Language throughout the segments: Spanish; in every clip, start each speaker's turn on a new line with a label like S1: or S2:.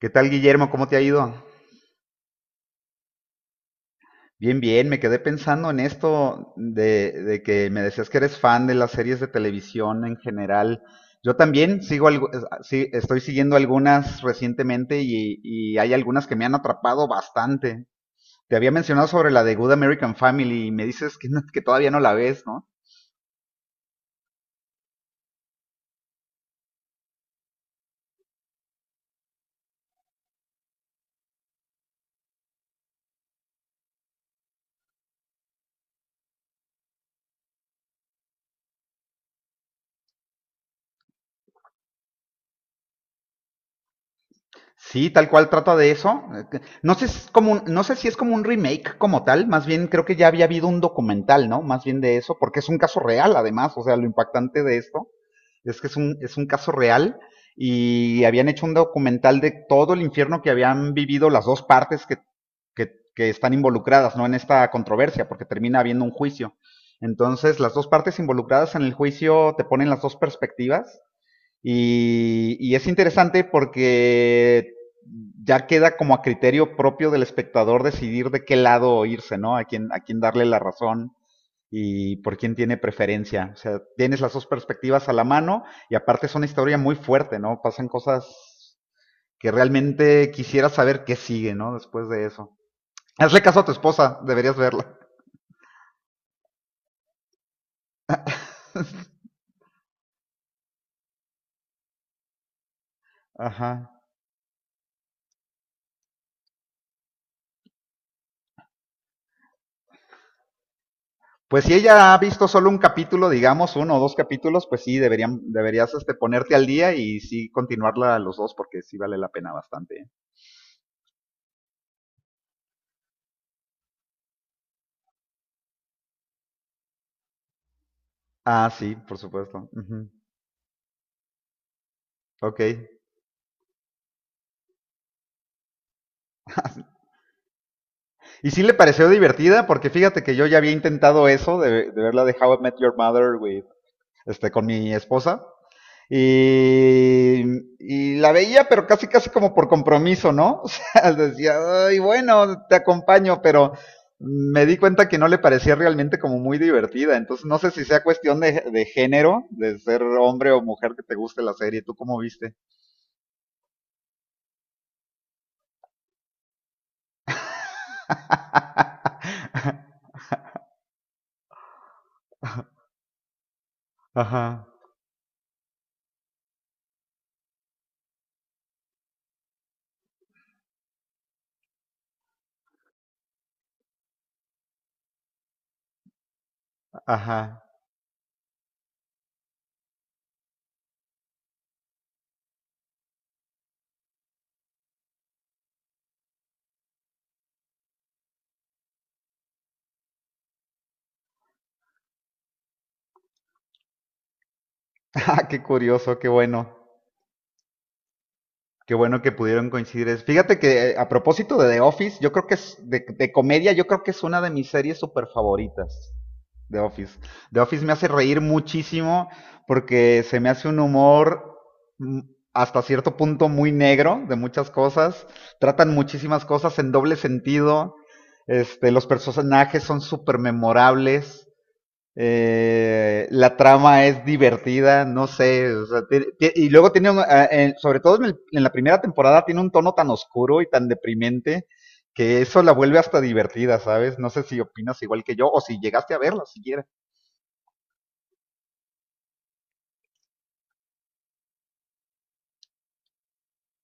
S1: ¿Qué tal, Guillermo? ¿Cómo te ha ido? Bien, bien, me quedé pensando en esto de que me decías que eres fan de las series de televisión en general. Yo también sigo algo, ah, sí, estoy siguiendo algunas recientemente y hay algunas que me han atrapado bastante. Te había mencionado sobre la de Good American Family y me dices que, que todavía no la ves, ¿no? Sí, tal cual trata de eso. No sé, si es como no sé si es como un remake como tal, más bien creo que ya había habido un documental, ¿no? Más bien de eso, porque es un caso real además, o sea, lo impactante de esto es que es un caso real y habían hecho un documental de todo el infierno que habían vivido las dos partes que están involucradas, ¿no? En esta controversia, porque termina habiendo un juicio. Entonces, las dos partes involucradas en el juicio te ponen las dos perspectivas y es interesante porque ya queda como a criterio propio del espectador decidir de qué lado irse, ¿no? A quién darle la razón y por quién tiene preferencia. O sea, tienes las dos perspectivas a la mano y aparte es una historia muy fuerte, ¿no? Pasan cosas que realmente quisiera saber qué sigue, ¿no? Después de eso. Hazle caso a tu esposa, deberías verla. Ajá. Pues si ella ha visto solo un capítulo, digamos, uno o dos capítulos, pues sí, deberían, deberías este, ponerte al día y sí continuarla los dos porque sí vale la pena bastante. ¿Eh? Ah, sí, por supuesto. Ujú. Ok. Y sí le pareció divertida porque fíjate que yo ya había intentado eso de verla de How I Met Your Mother with este, con mi esposa. Y, y la veía, pero casi, casi como por compromiso, ¿no? O sea, decía, ay, bueno, te acompaño, pero me di cuenta que no le parecía realmente como muy divertida. Entonces, no sé si sea cuestión de género, de ser hombre o mujer que te guste la serie. ¿Tú cómo viste? Ajá, ajá. Ah, qué curioso, qué bueno. Qué bueno que pudieron coincidir. Fíjate que a propósito de The Office, yo creo que es de comedia, yo creo que es una de mis series súper favoritas. The Office. The Office me hace reír muchísimo porque se me hace un humor mm, hasta cierto punto muy negro de muchas cosas. Tratan muchísimas cosas en doble sentido. Este, los personajes son súper memorables. La trama es divertida, no sé, o sea, y luego tiene, sobre todo en, en la primera temporada, tiene un tono tan oscuro y tan deprimente que eso la vuelve hasta divertida, ¿sabes? No sé si opinas igual que yo o si llegaste a verla siquiera.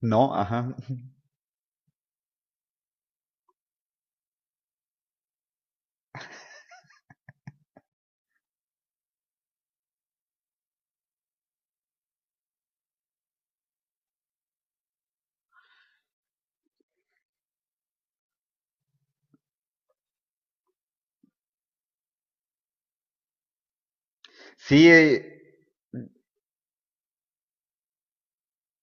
S1: No, ajá. Sí, eh,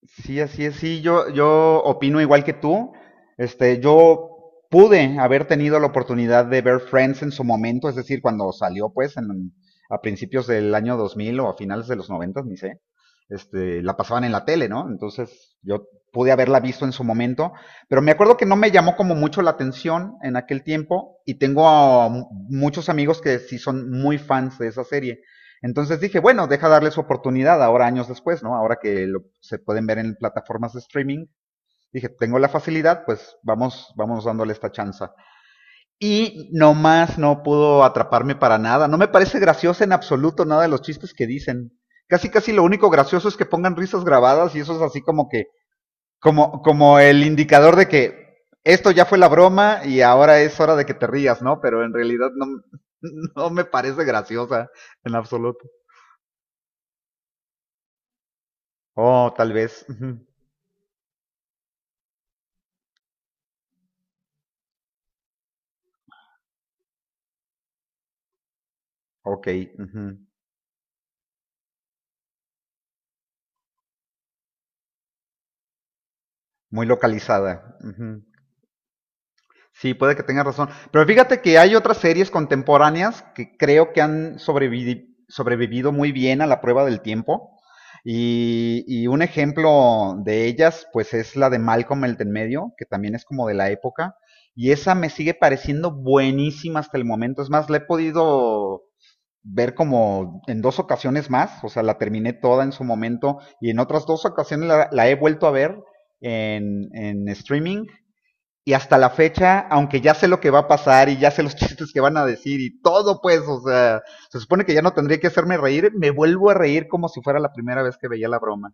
S1: Sí, así es, sí, yo opino igual que tú. Este, yo pude haber tenido la oportunidad de ver Friends en su momento, es decir, cuando salió, pues, a principios del año 2000 o a finales de los 90, ni sé. Este, la pasaban en la tele, ¿no? Entonces, yo pude haberla visto en su momento, pero me acuerdo que no me llamó como mucho la atención en aquel tiempo y tengo a muchos amigos que sí son muy fans de esa serie. Entonces dije, bueno, deja darle su oportunidad ahora años después, ¿no? Ahora que lo, se pueden ver en plataformas de streaming, dije, tengo la facilidad, pues vamos, vamos dándole esta chance. Y nomás no pudo atraparme para nada. No me parece graciosa en absoluto nada de los chistes que dicen. Casi, casi lo único gracioso es que pongan risas grabadas y eso es así como que, como el indicador de que esto ya fue la broma y ahora es hora de que te rías, ¿no? Pero en realidad no, no me parece graciosa en absoluto. Oh, tal vez. Ujú. Ok. Ujú. Muy localizada. Ujú. Sí, puede que tengas razón. Pero fíjate que hay otras series contemporáneas que creo que han sobrevivido muy bien a la prueba del tiempo. Y un ejemplo de ellas, pues es la de Malcolm el de en medio, que también es como de la época. Y esa me sigue pareciendo buenísima hasta el momento. Es más, la he podido ver como en dos ocasiones más, o sea, la terminé toda en su momento y en otras dos ocasiones la he vuelto a ver en streaming y hasta la fecha, aunque ya sé lo que va a pasar y ya sé los chistes que van a decir y todo, pues, o sea, se supone que ya no tendría que hacerme reír, me vuelvo a reír como si fuera la primera vez que veía la broma,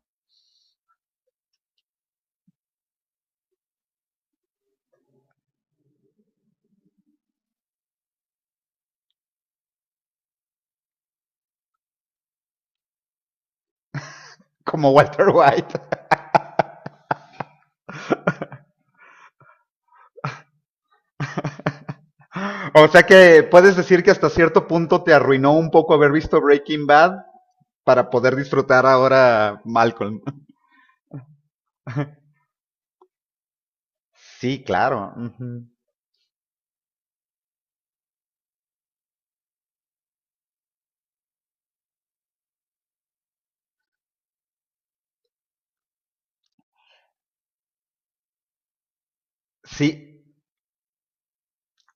S1: como Walter White. O sea que puedes decir que hasta cierto punto te arruinó un poco haber visto Breaking Bad para poder disfrutar ahora Malcolm. Sí, claro. Ujú. Sí,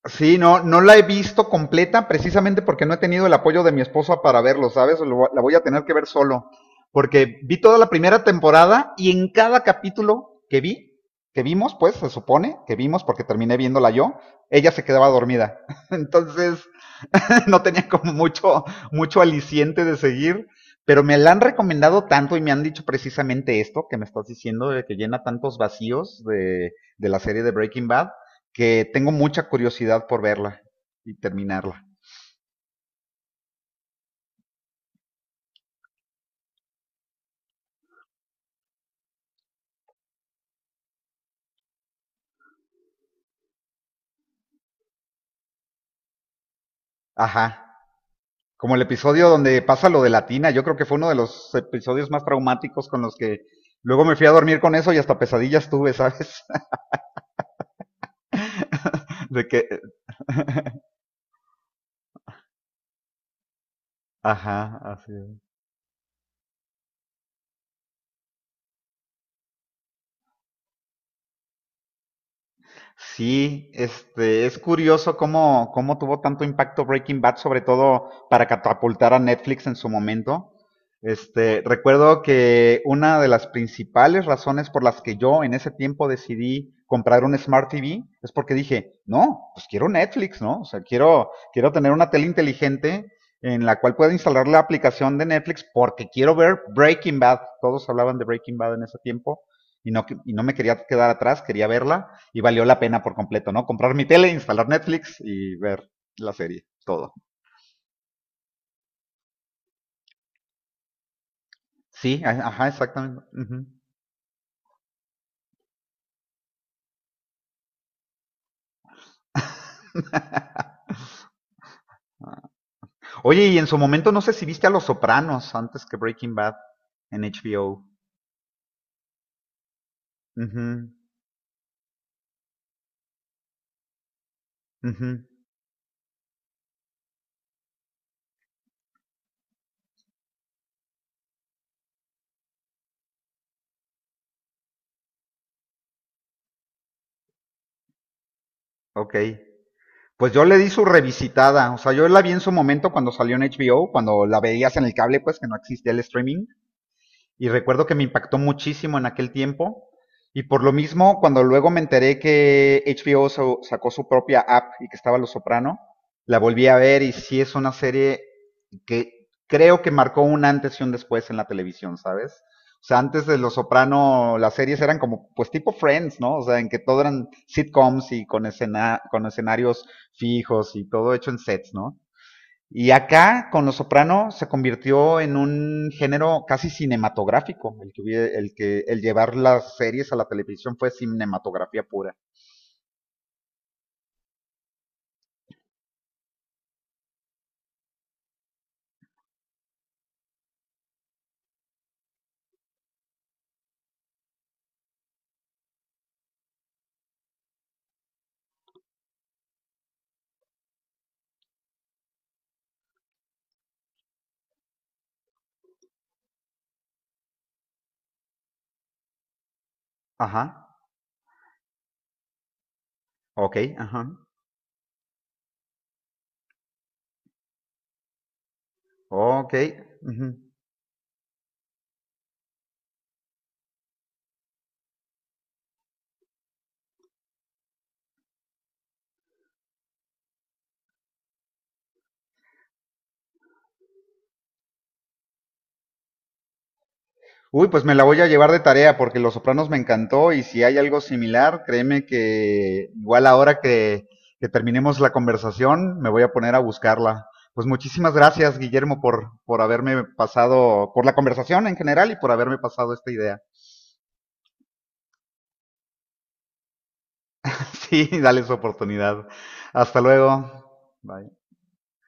S1: sí, no, no la he visto completa precisamente porque no he tenido el apoyo de mi esposa para verlo, ¿sabes? La voy a tener que ver solo. Porque vi toda la primera temporada y en cada capítulo que vi, que vimos, pues se supone que vimos porque terminé viéndola yo, ella se quedaba dormida. Entonces, no tenía como mucho, mucho aliciente de seguir, pero me la han recomendado tanto y me han dicho precisamente esto que me estás diciendo, de que llena tantos vacíos de, la serie de Breaking Bad, que tengo mucha curiosidad por verla y terminarla. Ajá. Como el episodio donde pasa lo de la tina yo creo que fue uno de los episodios más traumáticos con los que luego me fui a dormir con eso y hasta pesadillas tuve, ¿sabes? De que, ajá, así es. Sí, este, es curioso cómo tuvo tanto impacto Breaking Bad, sobre todo para catapultar a Netflix en su momento. Este, recuerdo que una de las principales razones por las que yo en ese tiempo decidí comprar un Smart TV es porque dije, no, pues quiero Netflix, ¿no? O sea, quiero tener una tele inteligente en la cual pueda instalar la aplicación de Netflix porque quiero ver Breaking Bad. Todos hablaban de Breaking Bad en ese tiempo y no, que y no me quería quedar atrás, quería verla y valió la pena por completo, ¿no? Comprar mi tele, instalar Netflix y ver la serie, todo. Sí, ajá, exactamente. Uh -huh. Oye, y en su momento no sé si viste a Los Sopranos antes que Breaking Bad en HBO. Uh -huh, uh -huh, ok. Pues yo le di su revisitada, o sea, yo la vi en su momento cuando salió en HBO, cuando la veías en el cable, pues que no existía el streaming, y recuerdo que me impactó muchísimo en aquel tiempo. Y por lo mismo, cuando luego me enteré que HBO sacó su propia app y que estaba Los Soprano, la volví a ver y sí es una serie que creo que marcó un antes y un después en la televisión, ¿sabes? O sea, antes de Los Soprano, las series eran como, pues tipo Friends, ¿no? O sea, en que todo eran sitcoms y con, escena, con escenarios fijos y todo hecho en sets, ¿no? Y acá, con Los Soprano, se convirtió en un género casi cinematográfico. El que el llevar las series a la televisión fue cinematografía pura. Ajá. Ok, ajá. Ok. Ujú. Uy, pues me la voy a llevar de tarea porque Los Sopranos me encantó y si hay algo similar, créeme que igual ahora que, terminemos la conversación, me voy a poner a buscarla. Pues muchísimas gracias, Guillermo, por haberme pasado, por la conversación en general y por haberme pasado esta idea. Sí, dale su oportunidad. Hasta luego. Bye.